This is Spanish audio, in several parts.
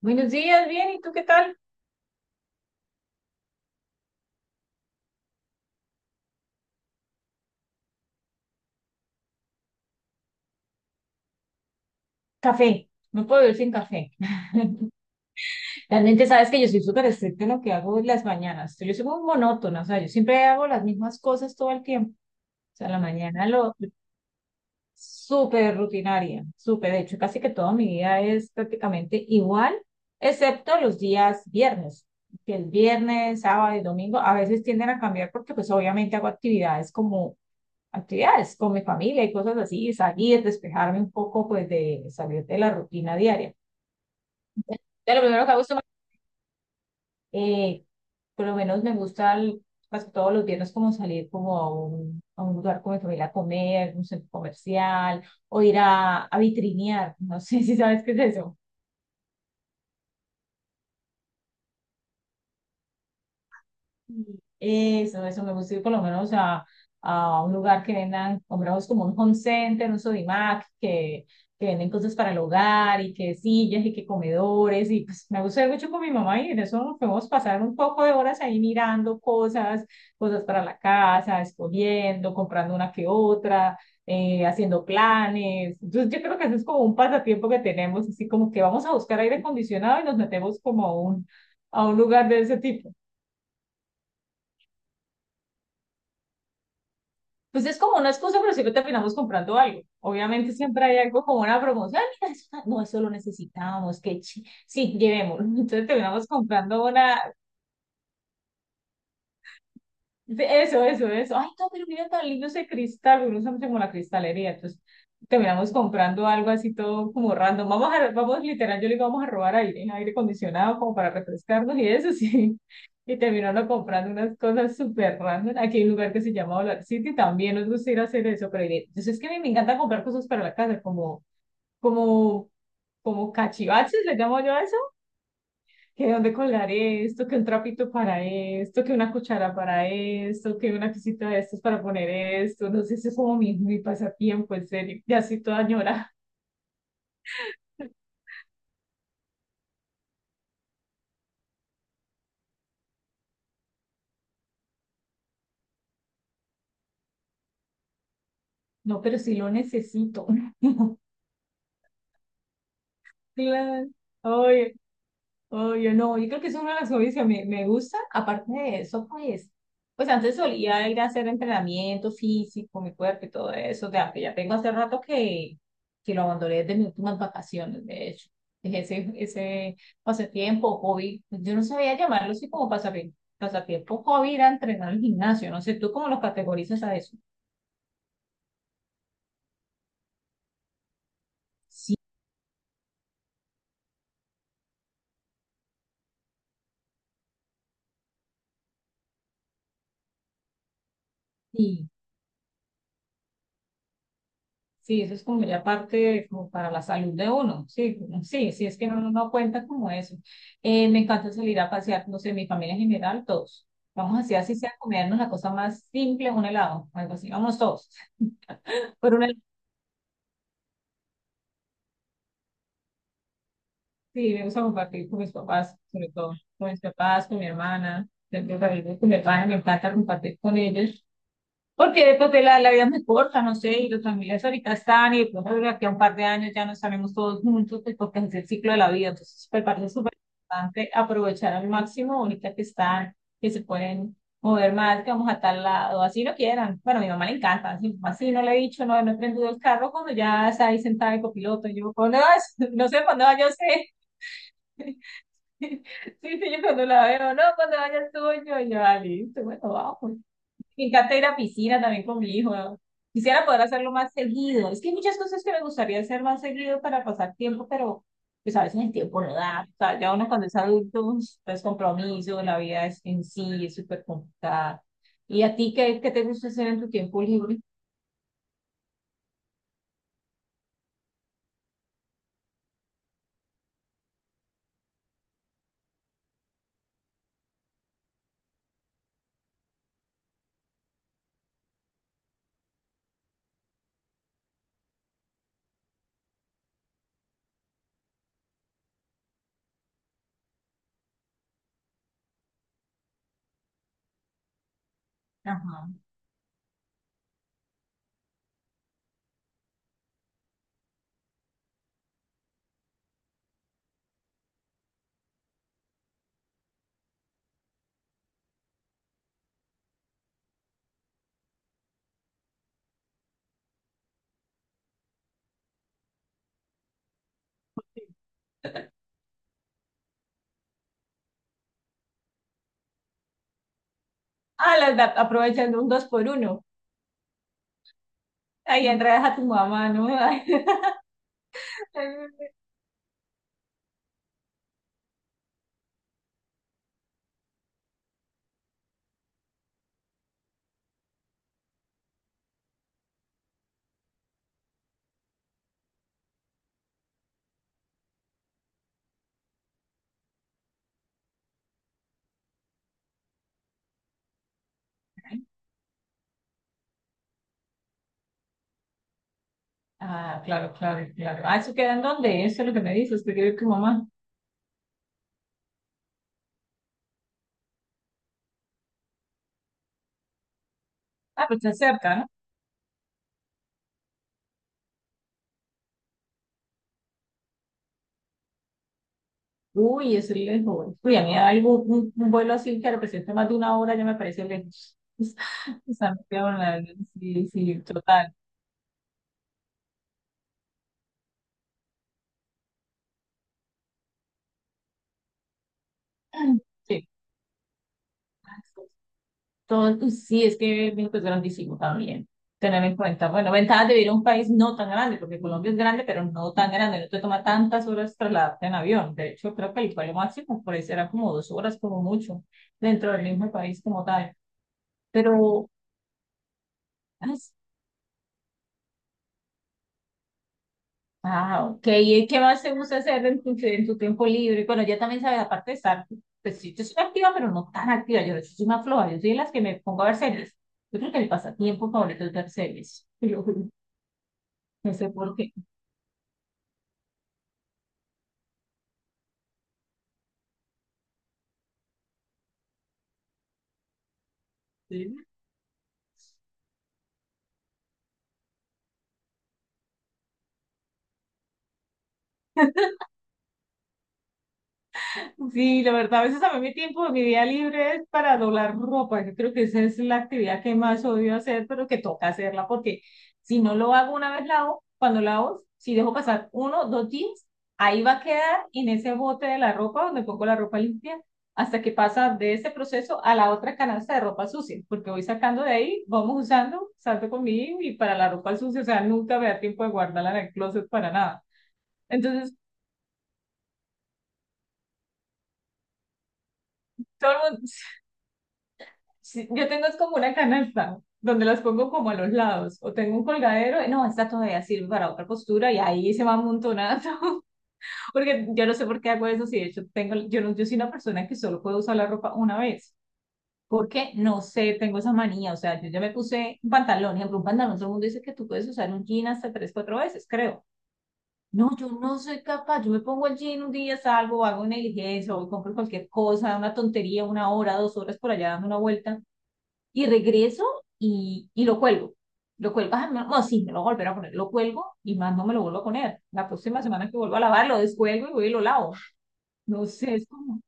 Buenos días, bien, ¿y tú qué tal? Café, no puedo vivir sin café. Realmente sabes que yo soy súper estricta en lo que hago en las mañanas. Yo soy muy monótona, o sea, yo siempre hago las mismas cosas todo el tiempo. O sea, la mañana lo súper rutinaria, súper, de hecho, casi que toda mi vida es prácticamente igual, excepto los días viernes, que el viernes, sábado y domingo a veces tienden a cambiar porque pues obviamente hago actividades como actividades con mi familia y cosas así, salir, despejarme un poco, pues de salir de la rutina diaria. De lo primero que me gusta, eh, por lo menos me gusta casi todos los viernes como salir como a un lugar con mi familia a comer, un centro comercial o ir a vitrinear, no sé si sabes qué es eso. Eso me gusta ir por lo menos a un lugar que vendan, compramos como un home center, un Sodimac, que venden cosas para el hogar y que sillas y que comedores. Y pues me gusta ir mucho con mi mamá y en eso nos podemos pasar un poco de horas ahí mirando cosas, cosas para la casa, escogiendo, comprando una que otra, haciendo planes. Entonces yo creo que eso es como un pasatiempo que tenemos, así como que vamos a buscar aire acondicionado y nos metemos como a un lugar de ese tipo. Pues es como una excusa, pero siempre terminamos comprando algo. Obviamente siempre hay algo como una promoción. "Ah, mira, no, eso lo necesitábamos que sí, llevémoslo." Entonces terminamos comprando una, eso, eso, eso. Ay, no, pero mira tan lindo ese cristal, uno usamos como la cristalería, entonces terminamos comprando algo así todo como random. Vamos literal, yo le digo, vamos a robar aire acondicionado como para refrescarnos y eso, sí. Y terminando comprando unas cosas súper random. Aquí hay un lugar que se llama Dollar City, también nos gusta ir a hacer eso, pero entonces es que a mí me encanta comprar cosas para la casa, como, como cachivaches, le llamo yo a eso, que dónde colgar esto, que un trapito para esto, que una cuchara para esto, que una cosita de estas para poner esto, no sé, ese es como mi pasatiempo, en serio, ya soy toda ñora, no, pero sí lo necesito, claro, oye, oh, yo no, yo creo que es una de las hobbies que me gusta, aparte de eso, pues antes solía ir a hacer entrenamiento físico, mi cuerpo y todo eso, de que ya tengo hace rato que lo abandoné desde mis últimas vacaciones, de hecho, dejé ese pasatiempo, hobby, yo no sabía llamarlo así como pasatiempo, hobby era entrenar al gimnasio, no sé, ¿tú cómo lo categorizas a eso? Sí, sí, eso es como ya parte como para la salud de uno, sí, sí, sí, es que uno no cuenta como eso. Me encanta salir a pasear, no sé, mi familia en general, todos. Vamos así, así sea, comernos la cosa más simple, un helado, algo así, vamos todos. Pero una, sí, me gusta compartir con mis papás, sobre todo, con mis papás, con mi hermana, siempre con mi hermana, me encanta compartir con ellos. Porque después de la vida es muy corta, no sé, y los familiares ahorita están, y de pronto de aquí a un par de años ya no estaremos todos juntos, pues porque es el ciclo de la vida. Entonces, me parece súper importante aprovechar al máximo ahorita que están, que se pueden mover más, que vamos a tal lado, así lo quieran. Bueno, a mi mamá le encanta, así, así no le he dicho, no, no he prendido el carro cuando ya está ahí sentada en copiloto. Y yo, ¿cuándo vas? No sé, ¿cuando vaya usted? Sí, sí, yo cuando la veo, no, cuando vayas tú, yo, y yo, ah, listo, bueno, vamos. Me encanta ir a piscina también con mi hijo. Quisiera poder hacerlo más seguido. Es que hay muchas cosas que me gustaría hacer más seguido para pasar tiempo, pero pues a veces el tiempo no da. O sea, ya uno cuando es adulto, pues, compromiso, la vida es, en sí es súper complicada. ¿Y a ti qué, qué te gusta hacer en tu tiempo libre? Ajá. Ah, aprovechando un 2x1. Ahí enredas a tu mamá, ¿no? Ah, claro, claro, claro. Ah, ¿eso queda en dónde? Eso es lo que me dices, que vive tu mamá. Ah, pues está cerca, no. Uy, es lejos. Uy, a mí algo, un vuelo así que represente más de una hora ya me parece lejos. Santiago, la sí, sí, total. Sí, todo, sí, es que México es grandísimo también. Tener en cuenta, bueno, ventajas de vivir en un país no tan grande, porque Colombia es grande, pero no tan grande, no te toma tantas horas trasladarte en avión. De hecho, creo que el vuelo máximo por ahí será como 2 horas, como mucho, dentro del mismo país como tal. Pero, ah, ok. ¿Y qué más te gusta hacer en tu tiempo libre? Bueno, ya también sabes, aparte de estar, pues sí, yo soy activa, pero no tan activa. Yo soy más floja, yo soy de las que me pongo a ver series. Yo creo que el pasatiempo favorito es ver series. Yo no sé por qué. Sí, la verdad, a veces a mí mi tiempo, de mi día libre es para doblar ropa. Yo creo que esa es la actividad que más odio hacer, pero que toca hacerla porque si no lo hago una vez lavo, cuando lavo, si dejo pasar uno, dos días, ahí va a quedar en ese bote de la ropa donde pongo la ropa limpia hasta que pasa de ese proceso a la otra canasta de ropa sucia, porque voy sacando de ahí, vamos usando, salto con mi hijo y para la ropa sucia, o sea, nunca me da tiempo de guardarla en el closet para nada. Entonces, todo el mundo, sí, yo tengo es como una canasta donde las pongo como a los lados o tengo un colgadero, y no, esta todavía sirve para otra postura y ahí se va amontonando, porque yo no sé por qué hago eso, si de hecho tengo, yo, no, yo soy una persona que solo puedo usar la ropa una vez, porque no sé, tengo esa manía, o sea, yo ya me puse un pantalón, ejemplo, un pantalón, todo el mundo dice que tú puedes usar un jean hasta tres, cuatro veces, creo. No, yo no soy capaz, yo me pongo el jean un día, salgo, hago una diligencia o compro cualquier cosa, una tontería, 1 hora, 2 horas por allá dando una vuelta y regreso y lo cuelgo. Lo cuelgo, ah, no, no, sí, me lo volveré a poner, lo cuelgo y más no me lo vuelvo a poner. La próxima semana que vuelvo a lavar, lo descuelgo y voy y lo lavo. No sé, es como,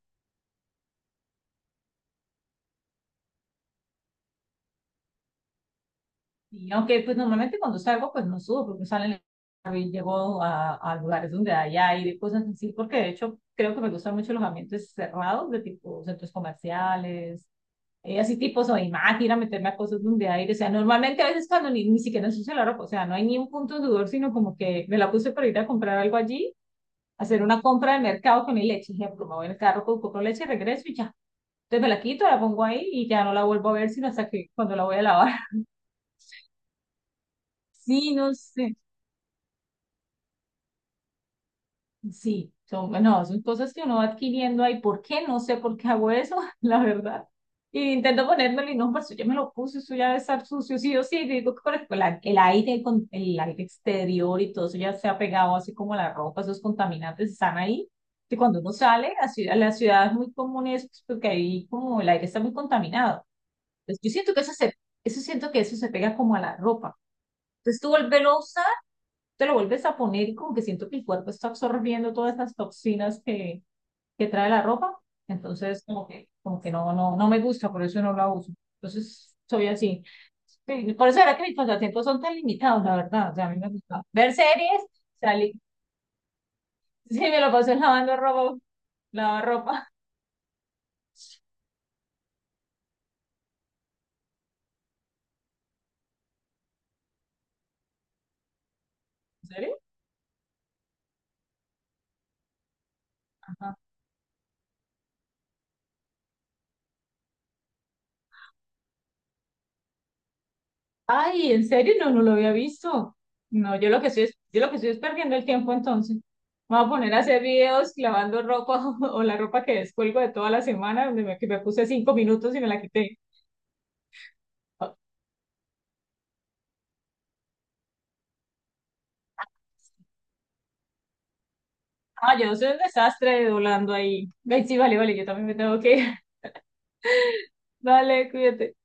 y aunque pues normalmente cuando salgo, pues no subo, porque salen, y llego a lugares donde hay aire, cosas así, porque de hecho creo que me gustan mucho los ambientes cerrados, de tipo centros comerciales, así tipo soy más, ir a meterme a cosas donde aire, o sea, normalmente a veces cuando ni siquiera ensucio la ropa, o sea, no hay ni un punto de sudor, sino como que me la puse para ir a comprar algo allí, hacer una compra de mercado con mi leche, ejemplo, me voy en el carro, compro leche, regreso y ya. Entonces me la quito, la pongo ahí y ya no la vuelvo a ver, sino hasta que cuando la voy a lavar. Sí, no sé. Sí, son, no, son cosas que uno va adquiriendo ahí. ¿Por qué? No sé por qué hago eso, la verdad. Y intento ponérmelo y no, pues yo ya me lo puse, eso ya debe estar sucio, sí o sí. Y digo que por ejemplo el aire, con el aire exterior y todo eso ya se ha pegado así como la ropa, esos contaminantes están ahí. Que cuando uno sale, la ciudad es muy común eso, pues, porque ahí como el aire está muy contaminado. Entonces, yo siento que eso siento que eso se pega como a la ropa. Entonces tú volverlo te lo vuelves a poner y como que siento que el cuerpo está absorbiendo todas esas toxinas que trae la ropa, entonces como que, no, no, no me gusta, por eso no la uso. Entonces soy así. Sí, por eso era que mis pasatiempos son tan limitados, la verdad. O sea, a mí me gusta ver series, salir. Sí, me lo paso lavando ropa, lavar ropa. ¿En serio? Ay, ¿en serio? No, no lo había visto. No, yo lo que estoy es, yo lo que estoy es perdiendo el tiempo entonces. Me voy a poner a hacer videos lavando ropa o la ropa que descuelgo de toda la semana, que me puse 5 minutos y me la quité. Ah, yo soy un desastre doblando ahí. Ay, sí, vale, vale, yo también me tengo que ir. Dale, cuídate.